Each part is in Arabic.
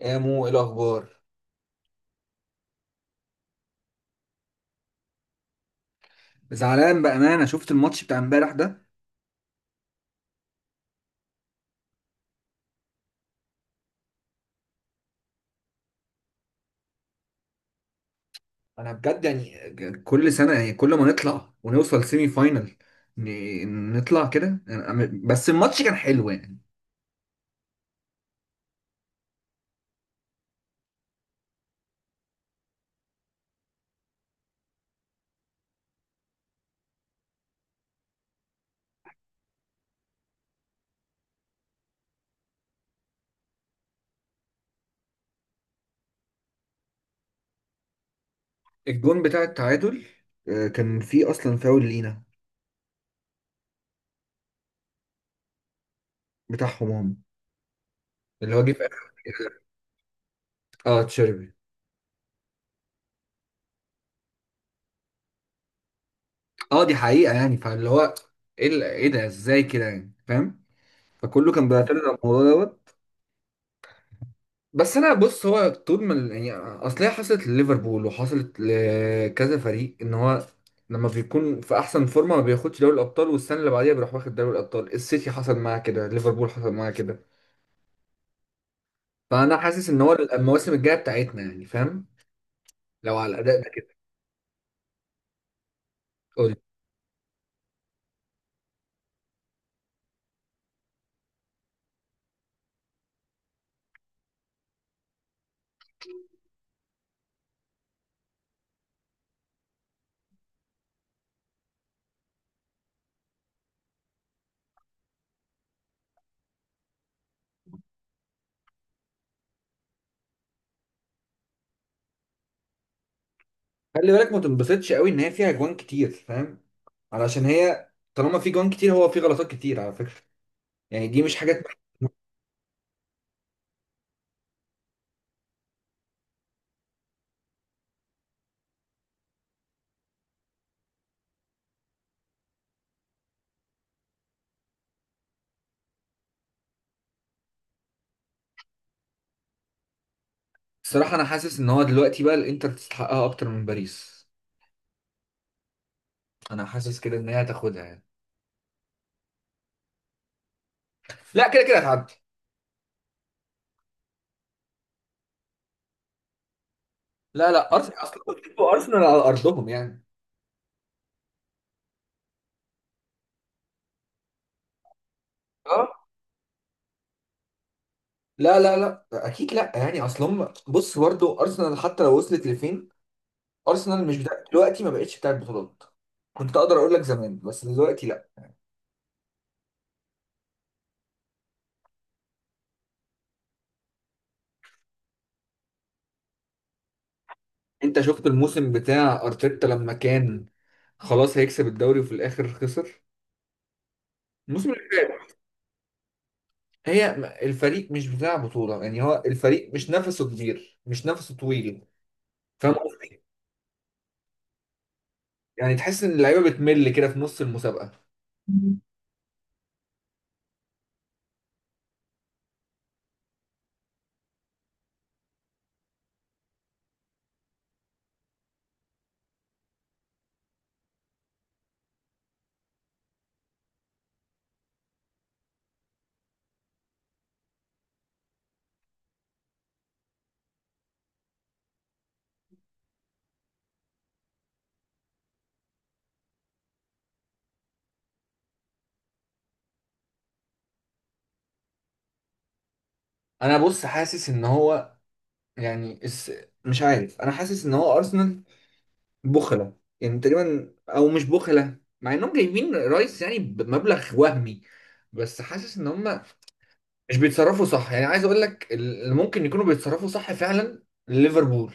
يا مو ايه الاخبار؟ زعلان بأمانة، شفت الماتش بتاع امبارح ده. انا بجد يعني كل سنة، يعني كل ما نطلع ونوصل سيمي فاينل نطلع كده بس الماتش كان حلو يعني. الجون بتاع التعادل كان فيه أصلا فاول لينا. بتاعهم هم، اللي هو جه في آخر. اه تشيربي. اه دي حقيقة يعني، فاللي هو ايه إيه ده، ازاي كده يعني، فاهم؟ فكله كان بيعترض على الموضوع دوت. بس انا بص، هو طول ما يعني اصل هي حصلت لليفربول وحصلت لكذا فريق، ان هو لما بيكون في احسن فورمه ما بياخدش دوري الابطال، والسنه اللي بعديها بيروح واخد دوري الابطال. السيتي حصل معاه كده، ليفربول حصل معاه كده. فانا حاسس ان هو المواسم الجايه بتاعتنا يعني، فاهم؟ لو على الاداء ده كده. قول. خلي بالك ما تنبسطش قوي ان هي فيها جوان كتير، فاهم؟ علشان هي طالما في جوان كتير، هو في غلطات كتير على فكره، يعني دي مش حاجات. الصراحه انا حاسس ان هو دلوقتي بقى الانتر تستحقها اكتر من باريس. انا حاسس كده ان هي هتاخدها يعني. لا، كده كده هتعدي. لا لا، ارسنال اصلا كسبوا ارسنال على ارضهم يعني. اه. لا لا لا، اكيد لا، يعني اصلهم بص برضه ارسنال حتى لو وصلت لفين، ارسنال مش بتاع دلوقتي، ما بقتش بتاعت بطولات. كنت اقدر اقول لك زمان، بس دلوقتي لا. انت شفت الموسم بتاع ارتيتا لما كان خلاص هيكسب الدوري وفي الاخر خسر، الموسم اللي فات. الفريق مش بتاع بطولة، يعني هو الفريق مش نفسه كبير، مش نفسه طويل. فاهم قصدي؟ يعني تحس ان اللعيبه بتمل كده في نص المسابقه. انا بص حاسس ان هو يعني مش عارف، انا حاسس ان هو ارسنال بخله يعني تقريبا، او مش بخله مع انهم جايبين رايس يعني بمبلغ وهمي، بس حاسس ان هم مش بيتصرفوا صح. يعني عايز اقول لك اللي ممكن يكونوا بيتصرفوا صح فعلا، ليفربول.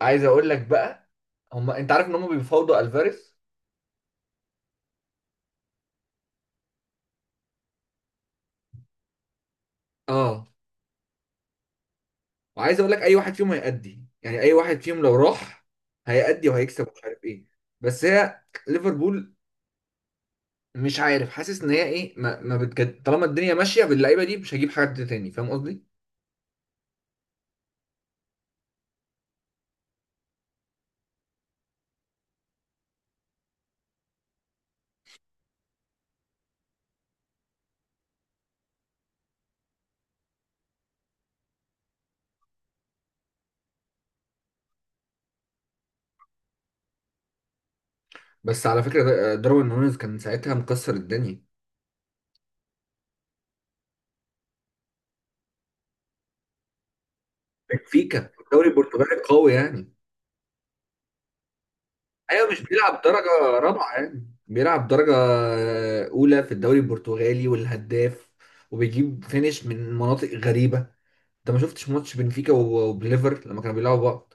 عايز اقول لك بقى، هم انت عارف ان هم بيفاوضوا الفاريز. اه. وعايز اقول لك اي واحد فيهم هيأدي، يعني اي واحد فيهم لو راح هيأدي وهيكسب ومش عارف ايه. بس هي ليفربول مش عارف، حاسس ان هي ايه ما بتجد، طالما الدنيا ماشيه باللعيبه دي مش هجيب حد تاني، فاهم قصدي؟ بس على فكره داروين نونيز كان ساعتها مكسر الدنيا. بنفيكا الدوري البرتغالي قوي يعني. ايوه، مش بيلعب درجه رابعه، يعني بيلعب درجه اولى في الدوري البرتغالي والهداف، وبيجيب فينش من مناطق غريبه. انت ما شفتش ماتش بنفيكا وبليفر لما كانوا بيلعبوا بعض؟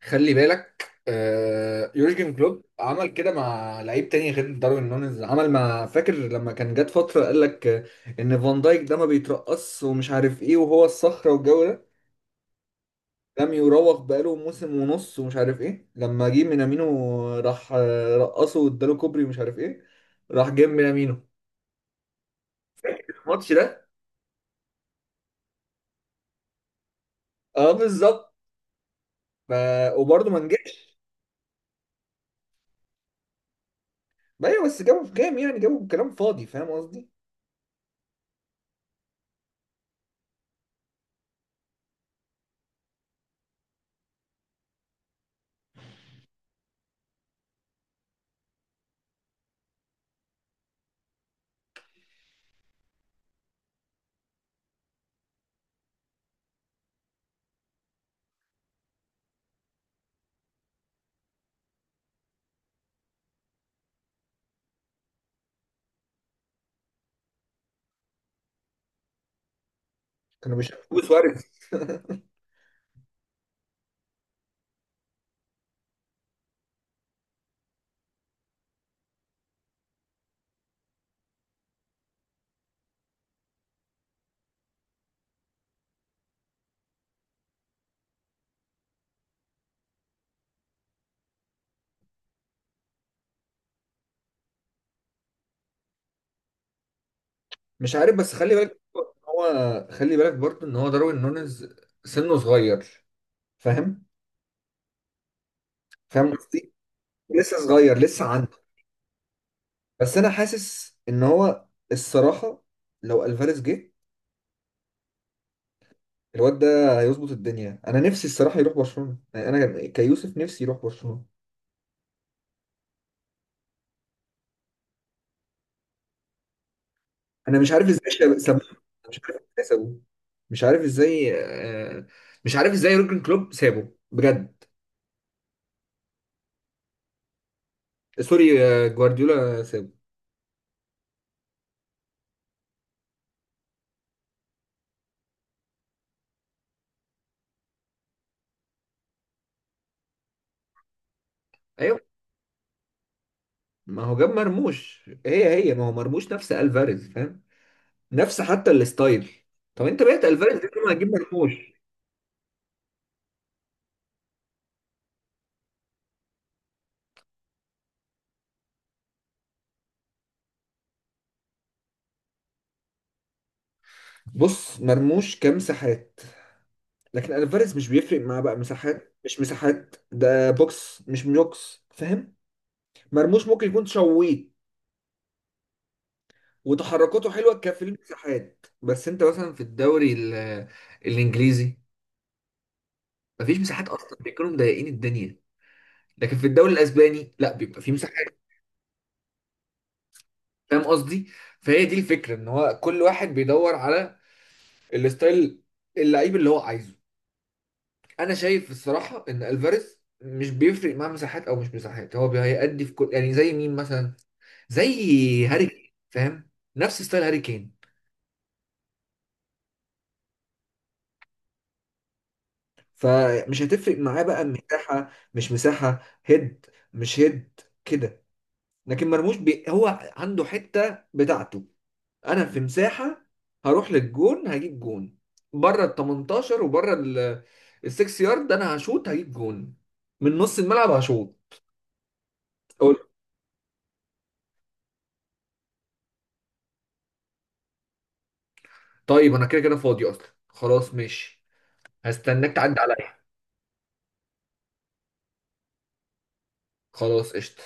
خلي بالك، يورجن كلوب عمل كده مع لعيب تاني غير داروين نونيز. عمل مع، فاكر لما كان جات فترة قال لك ان فان دايك ده ما بيترقص ومش عارف ايه، وهو الصخرة والجو ده، لم يراوغ بقاله موسم ونص ومش عارف ايه. لما جه مينامينو راح رقصه واداله كوبري ومش عارف ايه، راح جاب مينامينو الماتش ده. اه بالظبط. ف... وبرضه ما نجحش. ايوه، بس جابوا في كام، يعني جابوا بكلام فاضي، فاهم قصدي؟ كانوا بيشوفوا سواريز. مش عارف، بس خلي بالك، هو خلي بالك برضه ان هو داروين نونيز سنه صغير. فاهم؟ فاهم قصدي؟ لسه صغير، لسه عنده. بس انا حاسس ان هو الصراحه لو الفاريز جه، الواد ده هيظبط الدنيا. انا نفسي الصراحه يروح برشلونه يعني، انا كيوسف نفسي يروح برشلونه. انا مش عارف ازاي سابوه. مش عارف ازاي سابوه، مش عارف ازاي، آه، مش عارف ازاي يورجن كلوب سابه بجد. سوري، جوارديولا سابه. ايوه. ما هو جاب مرموش، هي ما هو مرموش نفس الفاريز، فاهم؟ نفس حتى الستايل. طب انت بقيت الفاريز دي، ما هتجيب مرموش. بص، مرموش كمساحات، لكن الفاريز مش بيفرق معاه بقى مساحات مش مساحات، ده بوكس مش بوكس، فاهم؟ مرموش ممكن يكون شويت وتحركاته حلوه كفي المساحات، بس انت مثلا في الدوري الانجليزي مفيش مساحات اصلا، بيكونوا مضايقين الدنيا. لكن في الدوري الاسباني لا، بيبقى في مساحات. فاهم قصدي؟ فهي دي الفكره ان هو كل واحد بيدور على الستايل اللعيب اللي هو عايزه. انا شايف الصراحه ان الفاريز مش بيفرق معاه مساحات او مش مساحات، هو هيأدي في كل، يعني زي مين مثلا، زي هاري كين، فاهم؟ نفس ستايل هاري كين. فمش هتفرق معاه بقى مساحه مش مساحه، هيد مش هيد كده. لكن مرموش هو عنده حته بتاعته. انا في مساحه هروح للجون، هجيب جون بره ال 18 وبره ال 6 يارد، انا هشوط هجيب جون، من نص الملعب هشوط. اقول. طيب انا كده كده فاضي اصلا، خلاص ماشي، هستناك تعدي عليا. خلاص قشطه.